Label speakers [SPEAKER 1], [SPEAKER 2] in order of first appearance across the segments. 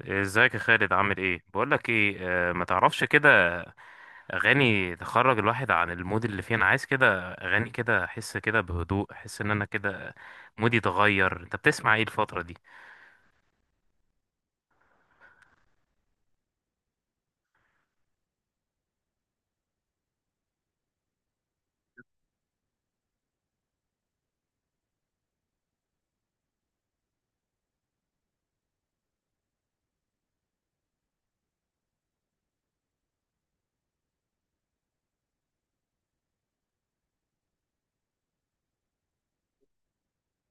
[SPEAKER 1] ازيك يا خالد؟ عامل ايه؟ بقول لك ايه، ما تعرفش كده اغاني تخرج الواحد عن المود اللي فيه. انا عايز كده اغاني كده، احس كده بهدوء، احس ان انا كده مودي اتغير. انت بتسمع ايه الفتره دي؟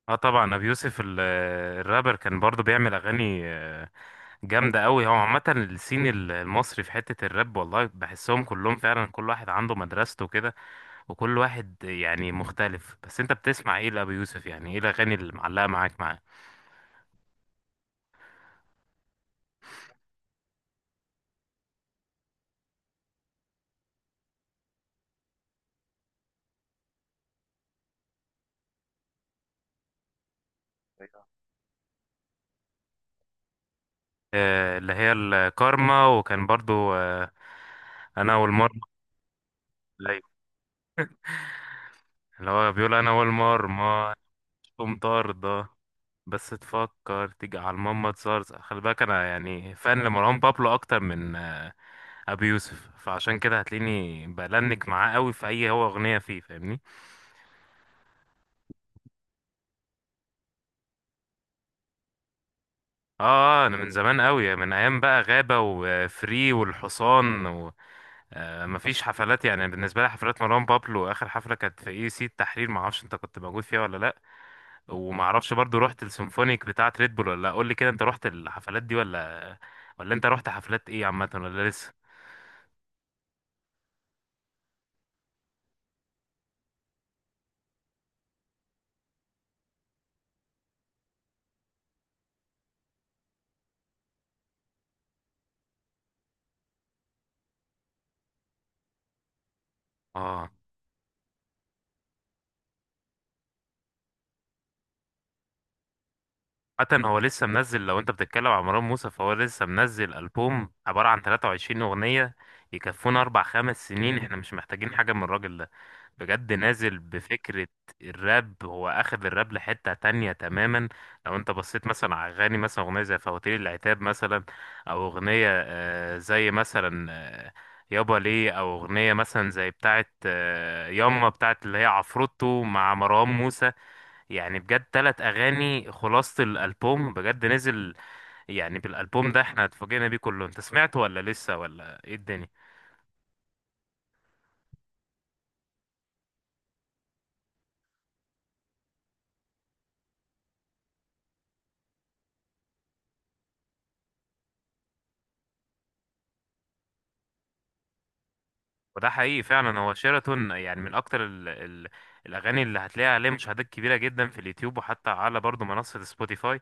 [SPEAKER 1] اه طبعا، ابي يوسف الرابر كان برضو بيعمل اغاني جامده قوي. هو عامه السين المصري في حته الراب والله بحسهم كلهم فعلا، كل واحد عنده مدرسته كده، وكل واحد يعني مختلف. بس انت بتسمع ايه لابي يوسف؟ يعني ايه الاغاني اللي معلقه معاه؟ اللي هي الكارما، وكان برضو انا والمرمى. أيوة، اللي هو بيقول انا والمرمى، تقوم طاردة. بس تفكر تيجي على الماما تزرزق، خلي بالك، انا يعني فان لمروان بابلو اكتر من ابي يوسف، فعشان كده هتلاقيني بلنك معاه قوي في اي هو اغنية فيه، فاهمني؟ اه انا من زمان قوي، من ايام بقى غابة وفري والحصان و... مفيش حفلات يعني بالنسبة لي. حفلات مروان بابلو آخر حفلة كانت في اي سي التحرير، معرفش انت كنت موجود فيها ولا لأ، ومعرفش برضو رحت السيمفونيك بتاعة ريد بول ولا لا. قول لي كده، انت رحت الحفلات دي ولا ولا انت رحت حفلات ايه عامة ولا لسه؟ اه حتى هو لسه منزل. لو انت بتتكلم عن مروان موسى، فهو لسه منزل ألبوم عبارة عن 23 أغنية يكفونا أربع خمس سنين. احنا مش محتاجين حاجة من الراجل ده بجد، نازل بفكرة. الراب هو أخذ الراب لحتة تانية تماما. لو انت بصيت مثلا على أغاني، مثلا أغنية زي فواتير العتاب مثلا، أو أغنية زي مثلا يابا ليه، أو أغنية مثلا زي بتاعت ياما بتاعت اللي هي عفروتو مع مروان موسى. يعني بجد تلات أغاني خلاصة الألبوم بجد نزل. يعني بالألبوم ده احنا اتفاجئنا بيه كله. انت سمعته ولا لسه ولا ايه الدنيا؟ وده حقيقي فعلا، هو شيراتون يعني من أكتر ال الأغاني اللي هتلاقيها عليه مشاهدات كبيرة جدا في اليوتيوب، وحتى على برضه منصة سبوتيفاي.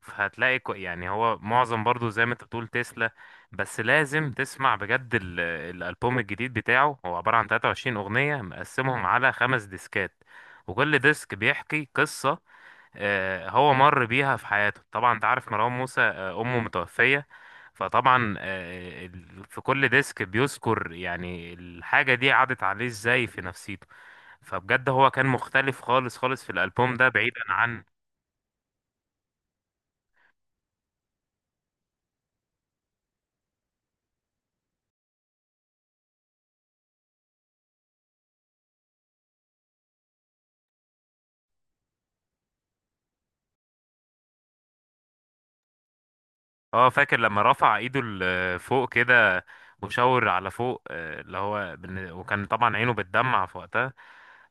[SPEAKER 1] فهتلاقي يعني هو معظم برضه زي ما انت بتقول تسلا. بس لازم تسمع بجد الألبوم الجديد بتاعه، هو عبارة عن 23 أغنية مقسمهم على خمس ديسكات، وكل ديسك بيحكي قصة هو مر بيها في حياته. طبعا انت عارف مروان موسى، امه متوفية. فطبعا في كل ديسك بيذكر يعني الحاجة دي عدت عليه ازاي في نفسيته. فبجد هو كان مختلف خالص خالص في الألبوم ده، بعيدا عن... اه، فاكر لما رفع ايده لفوق كده وشاور على فوق، اللي هو وكان طبعا عينه بتدمع في وقتها.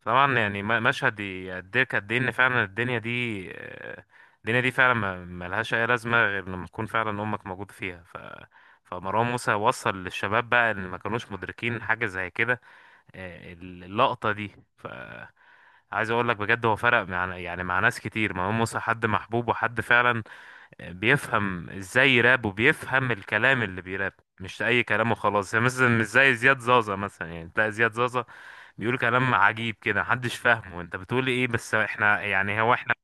[SPEAKER 1] طبعا يعني مشهد يقدرك قد ايه ان فعلا الدنيا دي الدنيا دي فعلا ملهاش اي لازمه غير لما تكون فعلا امك موجود فيها. فمروان موسى وصل للشباب بقى، اللي ما كانوش مدركين حاجه زي كده اللقطه دي. ف عايز اقول لك بجد، هو فرق مع يعني مع ناس كتير. مروان موسى حد محبوب وحد فعلا بيفهم ازاي يراب، وبيفهم الكلام اللي بيراب، مش اي كلام وخلاص. يعني مثلا مش زي زياد زازا مثلا، يعني تلاقي زياد زازا بيقول كلام عجيب كده، محدش فاهمه، انت بتقول ايه؟ بس احنا يعني هو احنا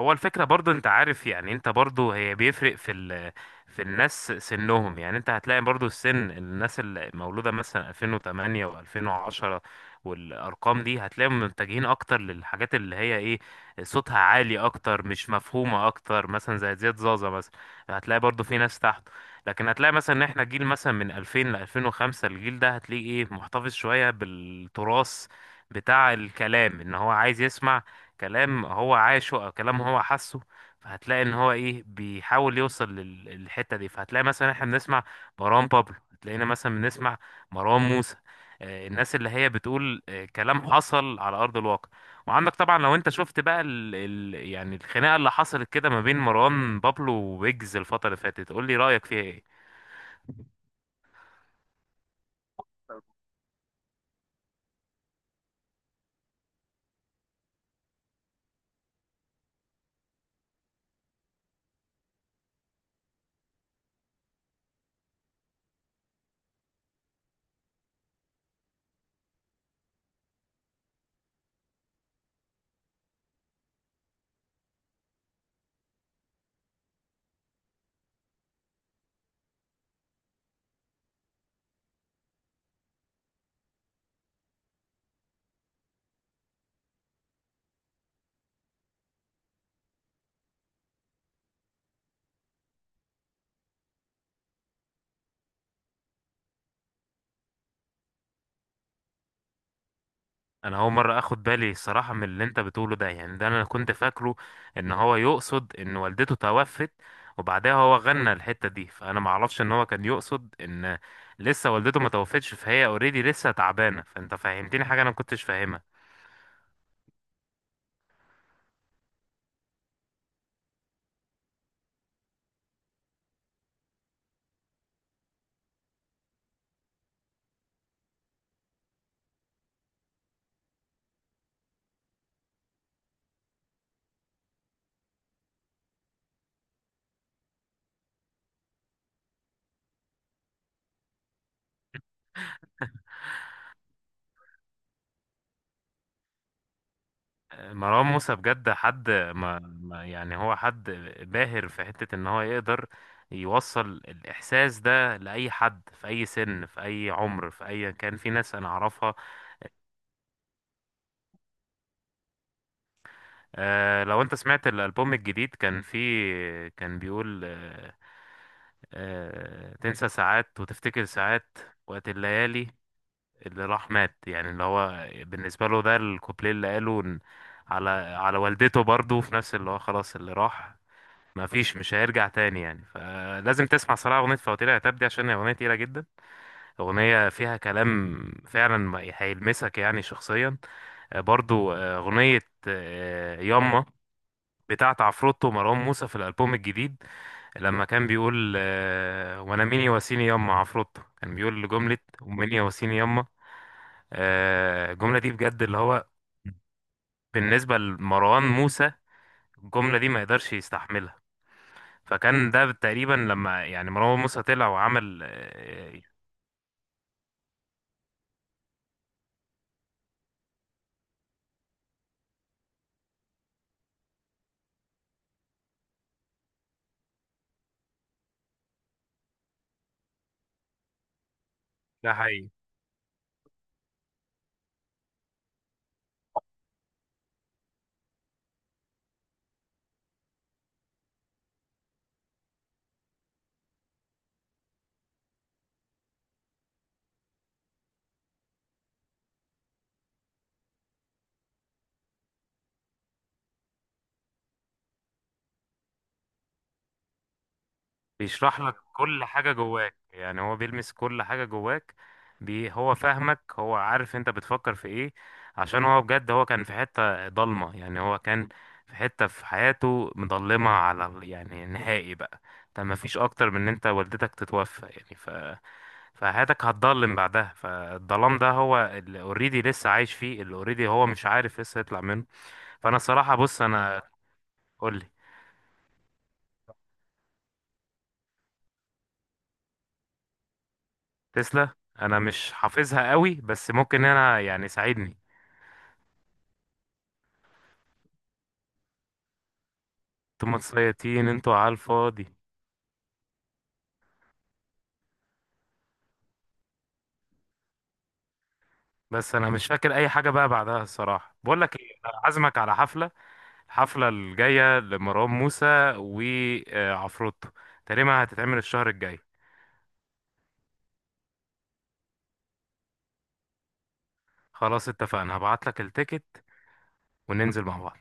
[SPEAKER 1] هو الفكرة. برضو انت عارف يعني، انت برضو هي بيفرق في ال في الناس سنهم يعني. انت هتلاقي برضو السن، الناس المولودة مثلا 2008 و2010 والارقام دي هتلاقيهم متجهين اكتر للحاجات اللي هي ايه، صوتها عالي اكتر، مش مفهومة اكتر، مثلا زي زياد زازا مثلا. هتلاقي برضو في ناس تحته. لكن هتلاقي مثلا ان احنا جيل مثلا من 2000 ل 2005، الجيل ده هتلاقيه ايه، محتفظ شوية بالتراث بتاع الكلام، ان هو عايز يسمع كلام هو عاشه او كلام هو حاسه. فهتلاقي ان هو ايه، بيحاول يوصل للحته دي. فهتلاقي مثلا احنا بنسمع مروان بابلو، هتلاقينا مثلا بنسمع مروان موسى الناس اللي هي بتقول كلام حصل على ارض الواقع. وعندك طبعا، لو انت شفت بقى ال يعني الخناقه اللي حصلت كده ما بين مروان بابلو وويجز الفتره اللي فاتت، قول لي رايك فيها ايه. انا اول مره اخد بالي الصراحه من اللي انت بتقوله ده، يعني ده انا كنت فاكره ان هو يقصد ان والدته توفت وبعدها هو غنى الحته دي. فانا ما اعرفش ان هو كان يقصد ان لسه والدته ما توفتش، فهي اوريدي لسه تعبانه. فانت فهمتني حاجه انا ما كنتش فاهمها. مروان موسى بجد حد يعني هو حد باهر في حته ان هو يقدر يوصل الاحساس ده لاي حد، في اي سن، في اي عمر، في اي كان. في ناس انا اعرفها. آه، لو انت سمعت الالبوم الجديد، كان فيه كان بيقول تنسى ساعات وتفتكر ساعات، وقت الليالي اللي راح مات. يعني اللي هو بالنسبه له ده الكوبليه اللي قاله على على والدته برضه، في نفس اللي هو خلاص اللي راح ما فيش، مش هيرجع تاني يعني. فلازم تسمع صراحه اغنيه فواتير يا تاب دي، عشان هي اغنيه تقيله جدا، اغنيه فيها كلام فعلا هيلمسك يعني شخصيا. برضو اغنيه ياما بتاعة عفروتو ومروان موسى في الألبوم الجديد، لما كان بيقول وأنا مين يواسيني يما. عفروتو كان بيقول جملة ومين يواسيني يما، الجملة دي بجد اللي هو بالنسبة لمروان موسى الجملة دي ما يقدرش يستحملها. فكان ده تقريبا لما يعني مروان موسى طلع وعمل ده حقيقي. بيشرح لك كل حاجة جواك، يعني هو بيلمس كل حاجة جواك. بي هو فاهمك، هو عارف انت بتفكر في ايه، عشان هو بجد هو كان في حتة ضلمة، يعني هو كان في حتة في حياته مضلمة على يعني نهائي بقى. انت ما فيش اكتر من ان انت والدتك تتوفى يعني، ف... فحياتك هتضلم بعدها. فالظلام ده هو اللي اوريدي لسه عايش فيه، اللي اوريدي هو مش عارف لسه يطلع منه. فانا الصراحة بص انا قولي تسلا. انا مش حافظها قوي بس ممكن انا يعني ساعدني. انتوا متسيطين انتوا على الفاضي. بس انا مش فاكر اي حاجه بقى بعدها الصراحه. بقول لك ايه، أنا عازمك على حفله، الحفله الجايه لمروان موسى وعفروتو، تقريبا هتتعمل الشهر الجاي. خلاص اتفقنا، هبعت لك التيكت وننزل مع بعض.